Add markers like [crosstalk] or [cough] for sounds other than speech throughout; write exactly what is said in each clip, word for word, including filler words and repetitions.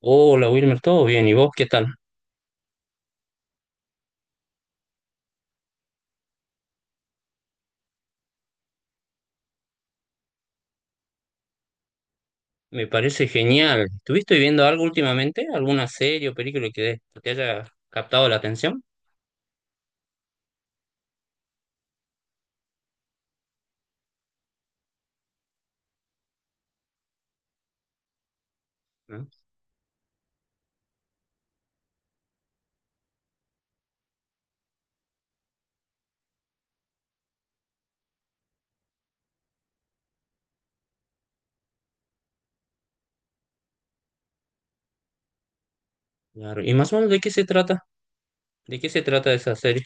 Hola Wilmer, ¿todo bien? ¿Y vos qué tal? Me parece genial. ¿Estuviste viendo algo últimamente? ¿Alguna serie o película que te que te haya captado la atención? ¿No? Claro. ¿Y más o menos de qué se trata? ¿De qué se trata esa serie?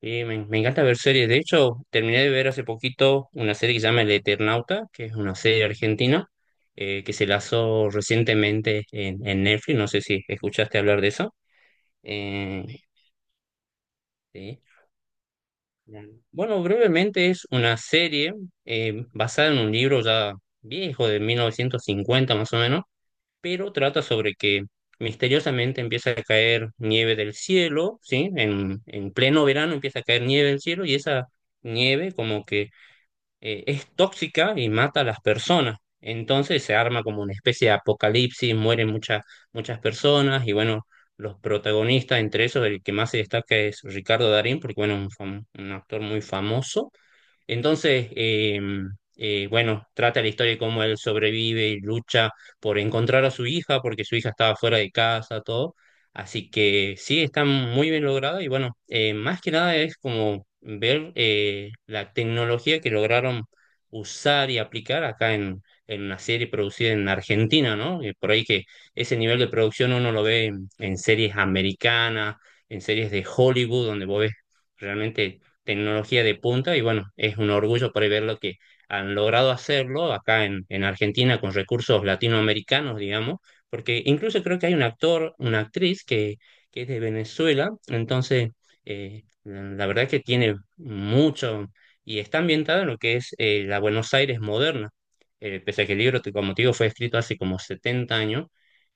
Y me, me encanta ver series. De hecho, terminé de ver hace poquito una serie que se llama El Eternauta, que es una serie argentina eh, que se lanzó recientemente en, en Netflix. No sé si escuchaste hablar de eso. Eh, sí. Claro. Bueno, brevemente es una serie eh, basada en un libro ya viejo de mil novecientos cincuenta más o menos, pero trata sobre que misteriosamente empieza a caer nieve del cielo, ¿sí? En, en pleno verano empieza a caer nieve del cielo y esa nieve como que eh, es tóxica y mata a las personas. Entonces se arma como una especie de apocalipsis, mueren muchas, muchas personas y bueno, los protagonistas, entre esos el que más se destaca es Ricardo Darín, porque bueno, un, fam- un actor muy famoso. Entonces, eh, eh, bueno, trata la historia de cómo él sobrevive y lucha por encontrar a su hija, porque su hija estaba fuera de casa, todo. Así que sí, está muy bien lograda y bueno, eh, más que nada es como ver eh, la tecnología que lograron usar y aplicar acá en, en una serie producida en Argentina, ¿no? Eh, por ahí que ese nivel de producción uno lo ve en, en series americanas, en series de Hollywood, donde vos ves realmente tecnología de punta y bueno, es un orgullo por ahí ver lo que han logrado hacerlo acá en, en Argentina con recursos latinoamericanos, digamos, porque incluso creo que hay un actor, una actriz que, que es de Venezuela, entonces eh, la la verdad que tiene mucho y está ambientada en lo que es eh, la Buenos Aires moderna. Eh, pese a que el libro, te- como te digo, fue escrito hace como setenta años,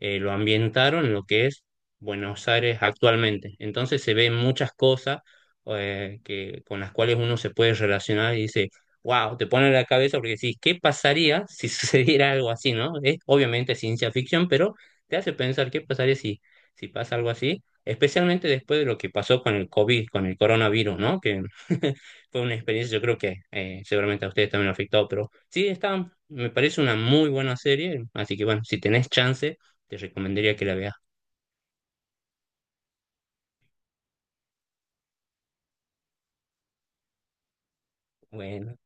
eh, lo ambientaron en lo que es Buenos Aires actualmente, entonces se ven muchas cosas eh, que, con las cuales uno se puede relacionar y dice, wow, te pone en la cabeza porque decís, ¿qué pasaría si [laughs] sucediera algo así, ¿no? Es obviamente ciencia ficción, pero te hace pensar qué pasaría si, si pasa algo así, especialmente después de lo que pasó con el COVID, con el coronavirus, ¿no? Que [laughs] fue una experiencia, yo creo que eh, seguramente a ustedes también lo afectó, pero sí, está, me parece una muy buena serie, así que bueno, si tenés chance, te recomendaría que la veas. Bueno.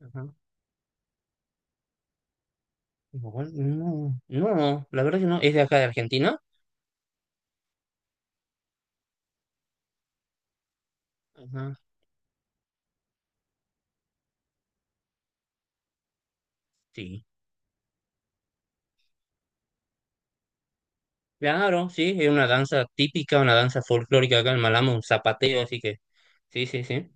Ajá. No, no, no, la verdad que no, es de acá de Argentina. Ajá, sí. Claro, sí, es una danza típica, una danza folclórica acá en Malamo, un zapateo, así que, sí, sí, sí.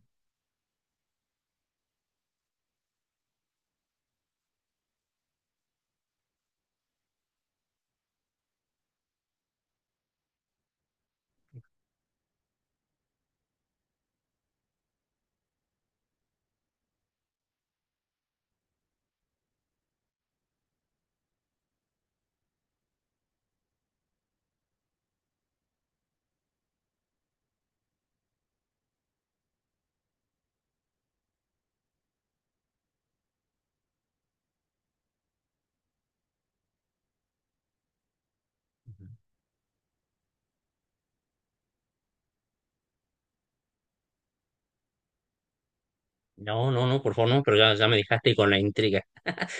No, no, no, por favor, no, pero ya, ya me dejaste con la intriga.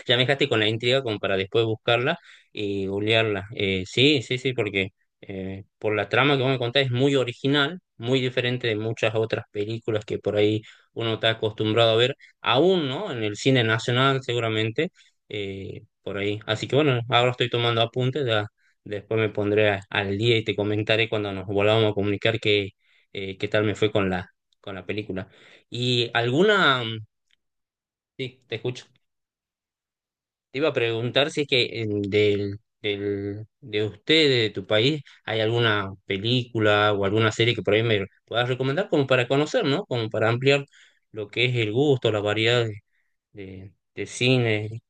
Ya me dejaste con la intriga como para después buscarla y googlearla. Eh, sí, sí, sí, porque eh, por la trama que vos me contás es muy original, muy diferente de muchas otras películas que por ahí uno está acostumbrado a ver, aún, ¿no? En el cine nacional seguramente, eh, por ahí. Así que bueno, ahora estoy tomando apuntes, ya después me pondré a- al día y te comentaré cuando nos volvamos a comunicar qué, eh, qué tal me fue con la, con la película. ¿Y alguna... mm, Sí, te escucho. Te iba a preguntar si es que eh, del, del, de usted, de tu país, hay alguna película o alguna serie que por ahí me puedas recomendar como para conocer, ¿no? Como para ampliar lo que es el gusto, la variedad de, de, de cine.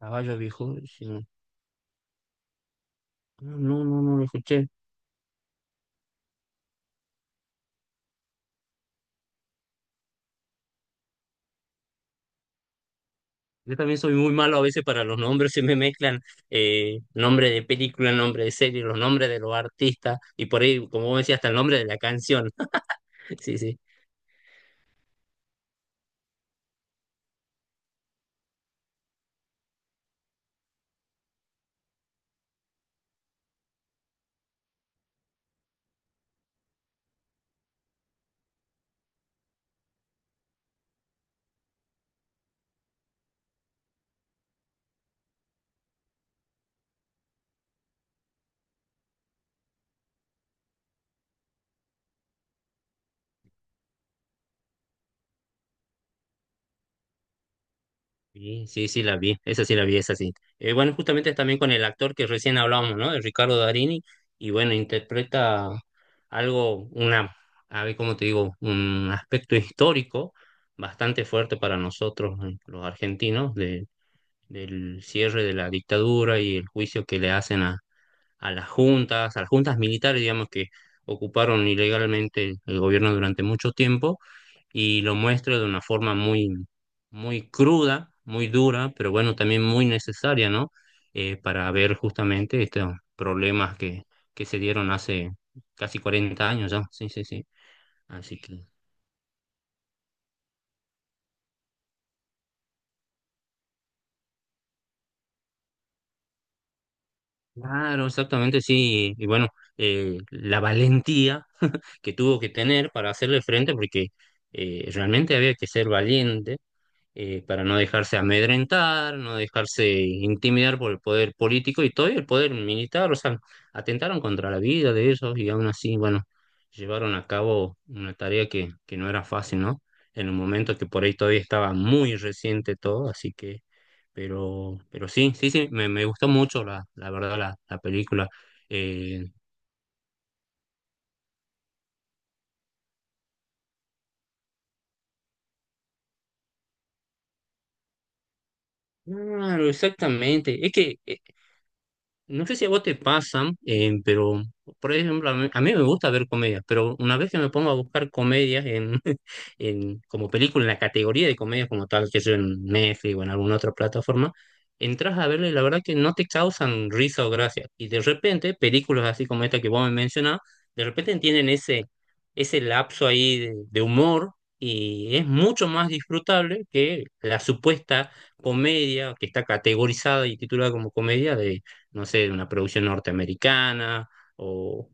Caballo viejo, sí. No, no, no, no lo escuché. Yo también soy muy malo a veces para los nombres, se me mezclan eh, nombre de película, nombre de serie, los nombres de los artistas y por ahí, como vos decías, hasta el nombre de la canción. [laughs] Sí, sí. Sí, sí, sí, la vi, esa sí la vi, esa sí. Eh, bueno, justamente es también con el actor que recién hablábamos, ¿no? El Ricardo Darini, y bueno, interpreta algo, una, a ver cómo te digo, un aspecto histórico bastante fuerte para nosotros, eh, los argentinos, de- del cierre de la dictadura y el juicio que le hacen a, a las juntas, a las juntas militares, digamos, que ocuparon ilegalmente el gobierno durante mucho tiempo y lo muestro de una forma muy, muy cruda, muy dura, pero bueno, también muy necesaria, ¿no? Eh, para ver justamente estos problemas que, que se dieron hace casi cuarenta años ya, sí, sí, sí. Así que, claro, exactamente, sí. Y bueno, eh, la valentía que tuvo que tener para hacerle frente, porque eh, realmente había que ser valiente, eh, para no dejarse amedrentar, no dejarse intimidar por el poder político y todo y el poder militar, o sea, atentaron contra la vida de ellos y aún así, bueno, llevaron a cabo una tarea que, que no era fácil, ¿no? En un momento que por ahí todavía estaba muy reciente todo, así que, pero, pero sí, sí, sí, me, me gustó mucho la, la verdad la, la película. Eh, claro, exactamente. Es que eh, no sé si a vos te pasan, eh, pero por ejemplo, a mí, a mí me gusta ver comedias, pero una vez que me pongo a buscar comedias en, [laughs] en- como película, en la categoría de comedias como tal, que sea en Netflix o en alguna otra plataforma, entras a verle y la verdad que no te causan risa o gracia. Y de repente, películas así como esta que vos me mencionás, de repente tienen ese, ese lapso ahí de, de humor y es mucho más disfrutable que la supuesta comedia que está categorizada y titulada como comedia de no sé, de una producción norteamericana o,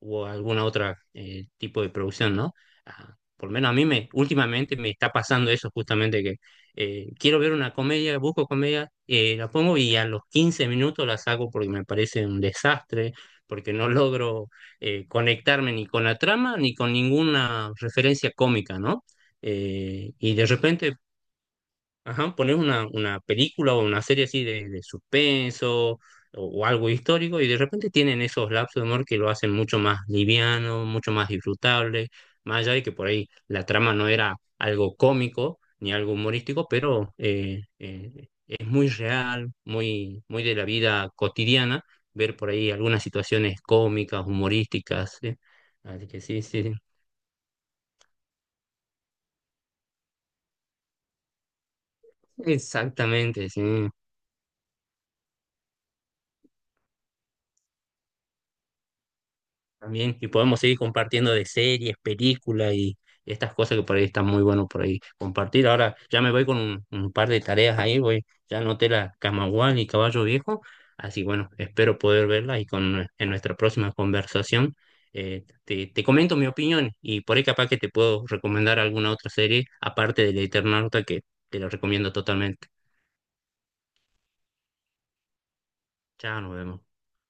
o alguna otra eh, tipo de producción, ¿no? Ah, por lo menos a mí me, últimamente me está pasando eso justamente que eh, quiero ver una comedia, busco comedia, eh, la pongo y a los quince minutos la saco porque me parece un desastre, porque no [laughs] logro eh, conectarme ni con la trama ni con ninguna referencia cómica, ¿no? Eh, y de repente ajá, pones una, una película o una serie así de, de suspenso o, o algo histórico y de repente tienen esos lapsos de humor que lo hacen mucho más liviano, mucho más disfrutable, más allá de que por ahí la trama no era algo cómico ni algo humorístico, pero eh, eh, es muy real, muy, muy de la vida cotidiana ver por ahí algunas situaciones cómicas, humorísticas, ¿sí? Así que sí, sí, exactamente, sí. También, y podemos seguir compartiendo de series, películas y estas cosas que por ahí están muy bueno por ahí compartir. Ahora ya me voy con un, un par de tareas ahí, voy, ya anoté la Camagual y Caballo Viejo, así bueno, espero poder verla y con, en nuestra próxima conversación eh, te, te comento mi opinión y por ahí capaz que te puedo recomendar alguna otra serie aparte del Eternauta que te lo recomiendo totalmente. Chao, nos vemos.